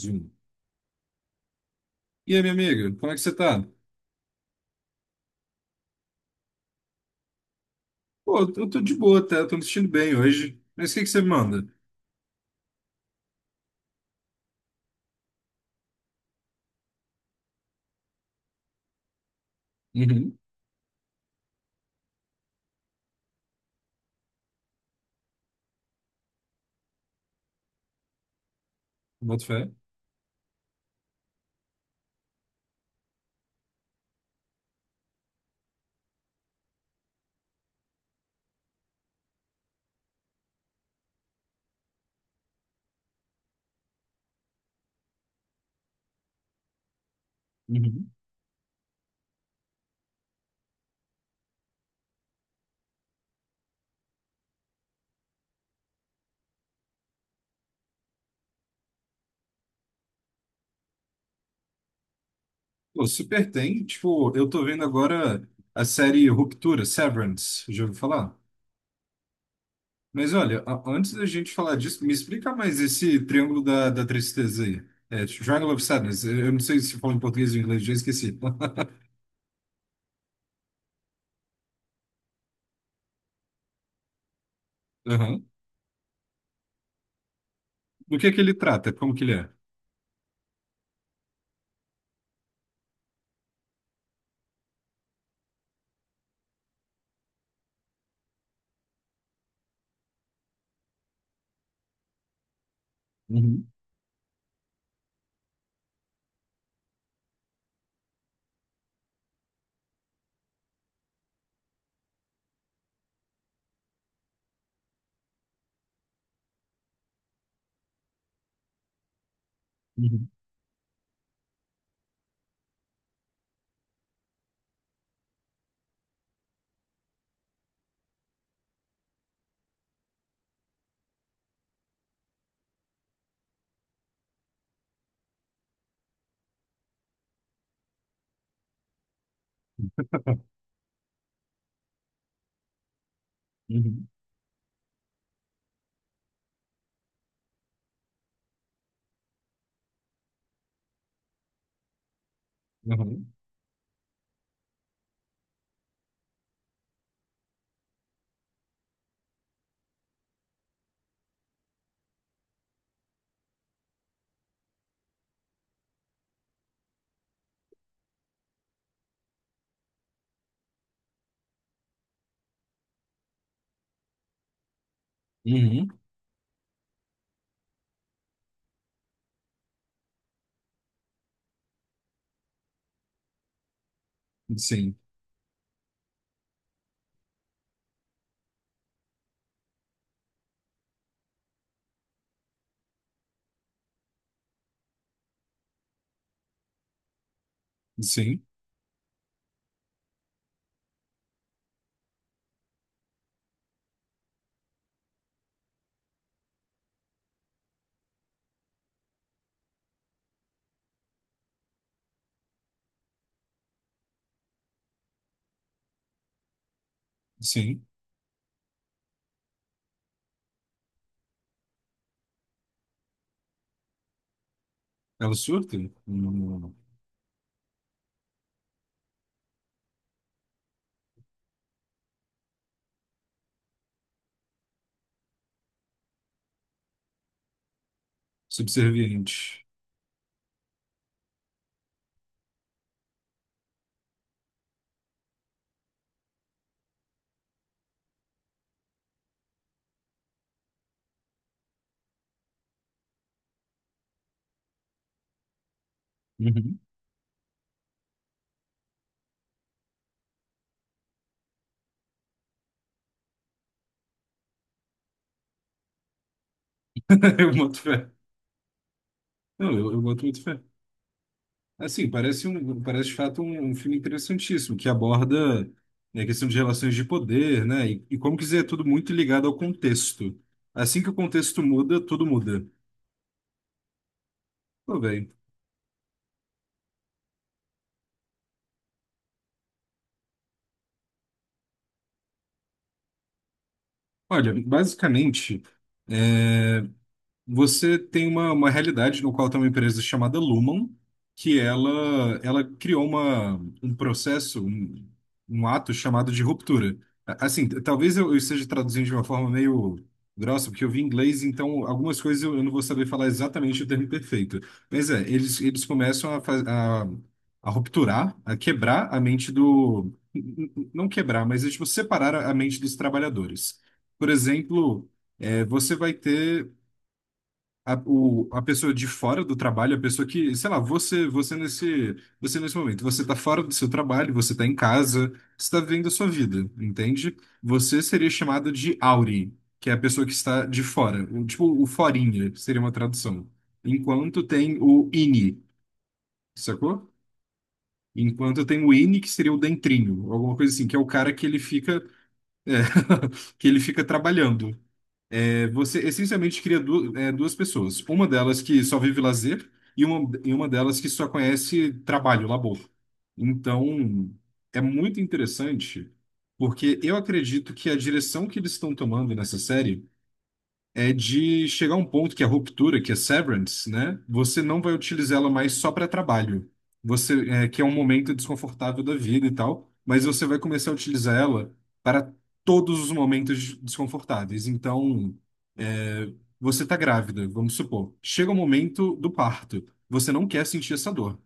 Zoom. E aí, minha amiga, como é que você tá? Pô, eu tô de boa até, eu tô me sentindo bem hoje. Mas o que que você manda? Uhum. Boto fé. Uhum. Pô, super tem. Tipo, eu tô vendo agora a série Ruptura, Severance, já ouviu falar? Mas olha, antes da gente falar disso, me explica mais esse triângulo da tristeza aí. É, Triangle of Sadness. Eu não sei se fala em português ou em inglês, já esqueci. Aham. Do que ele trata? Como que ele é? Uhum. Uhum. Uhum. Aham. Uhum. Sim, sim, sim. Ela surta? Hum. Subserviente. Uhum. Eu boto fé. Não, eu boto muito fé. Assim, parece, um, parece de fato um, um filme interessantíssimo, que aborda, né, a questão de relações de poder, né? E como quiser, é tudo muito ligado ao contexto. Assim que o contexto muda, tudo muda. Pô, velho. Olha, basicamente. é, Você tem uma realidade no qual tem uma empresa chamada Lumen, que ela criou uma, um processo, um ato chamado de ruptura. Assim, talvez eu esteja traduzindo de uma forma meio grossa, porque eu vi inglês, então algumas coisas eu não vou saber falar exatamente o termo perfeito. Mas é, eles começam a a rupturar, a quebrar a mente do... Não quebrar, mas é, tipo, separar a mente dos trabalhadores. Por exemplo... É, você vai ter a pessoa de fora do trabalho, a pessoa que, sei lá, você nesse momento, você tá fora do seu trabalho, você tá em casa, você tá vivendo a sua vida, entende? Você seria chamado de Auri, que é a pessoa que está de fora, tipo o forinha, seria uma tradução. Enquanto tem o Ini, sacou? Enquanto tem o Ini, que seria o dentrinho, alguma coisa assim, que é o cara que ele fica, é, que ele fica trabalhando é, você essencialmente cria duas pessoas. Uma delas que só vive lazer e uma delas que só conhece trabalho, labor. Então, é muito interessante, porque eu acredito que a direção que eles estão tomando nessa série é de chegar a um ponto que é a ruptura, que é severance, né? Você não vai utilizar ela mais só para trabalho. Você, é, que é um momento desconfortável da vida e tal, mas você vai começar a utilizar ela para todos os momentos desconfortáveis. Então, é, você está grávida, vamos supor. Chega o momento do parto. Você não quer sentir essa dor.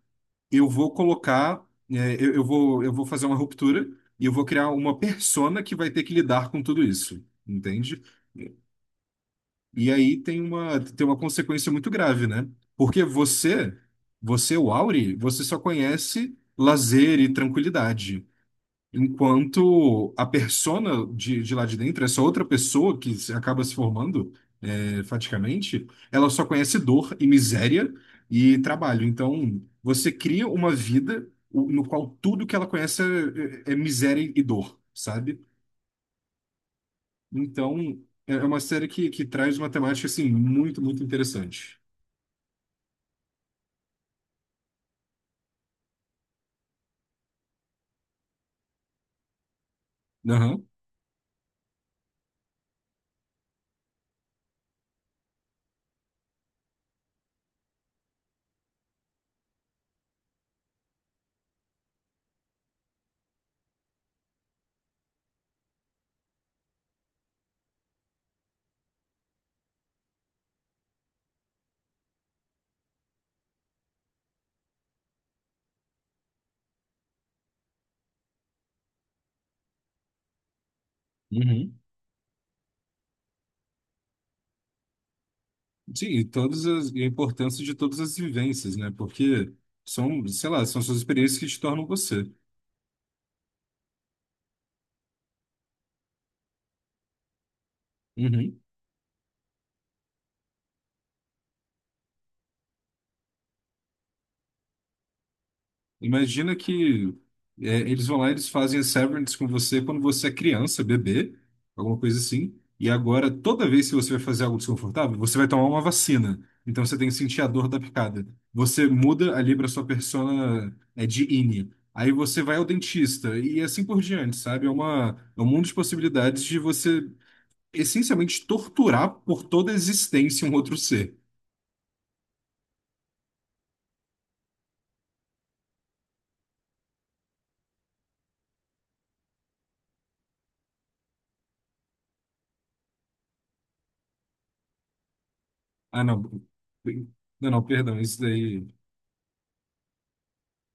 Eu vou colocar, é, eu vou fazer uma ruptura e eu vou criar uma persona que vai ter que lidar com tudo isso, entende? E aí tem uma consequência muito grave, né? Porque você, o Auri, você só conhece lazer e tranquilidade. Enquanto a persona de lá de dentro, essa outra pessoa que acaba se formando, é, faticamente, ela só conhece dor e miséria e trabalho. Então, você cria uma vida no qual tudo que ela conhece é, é miséria e dor, sabe? Então, é uma série que traz uma temática, assim, muito, muito interessante. Aham. Uhum. Sim, e todas as, e a importância de todas as vivências, né? Porque são, sei lá, são suas experiências que te tornam você. Uhum. Imagina que é, eles vão lá, eles fazem a Severance com você quando você é criança, bebê, alguma coisa assim. E agora, toda vez que você vai fazer algo desconfortável, você vai tomar uma vacina. Então você tem que sentir a dor da picada. Você muda ali para sua persona é, de Innie. Aí você vai ao dentista e assim por diante, sabe? É uma, é um mundo de possibilidades de você essencialmente torturar por toda a existência um outro ser. Ah, não. Não, perdão, isso daí.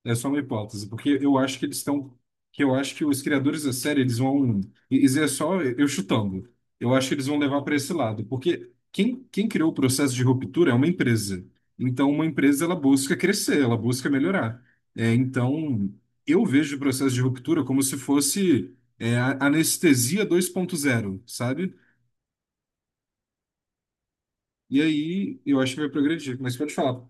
É só uma hipótese, porque eu acho que eles estão, que eu acho que os criadores da série eles vão, isso é só eu chutando. Eu acho que eles vão levar para esse lado, porque quem criou o processo de ruptura é uma empresa. Então, uma empresa ela busca crescer, ela busca melhorar. É, então, eu vejo o processo de ruptura como se fosse é, a anestesia 2.0, sabe? E aí eu acho que vai progredir. Mas pode falar.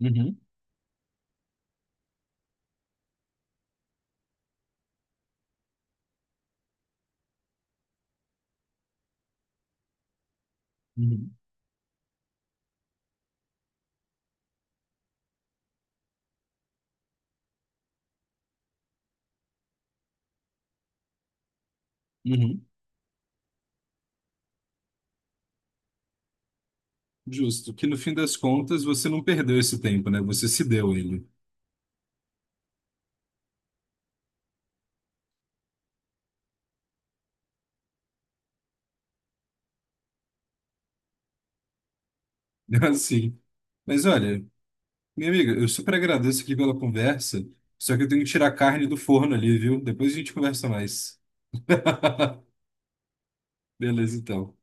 Uhum. Uhum. Uhum. Justo, que no fim das contas você não perdeu esse tempo, né? Você se deu ele. Assim. Mas olha, minha amiga, eu super agradeço aqui pela conversa, só que eu tenho que tirar a carne do forno ali, viu? Depois a gente conversa mais. Beleza, então.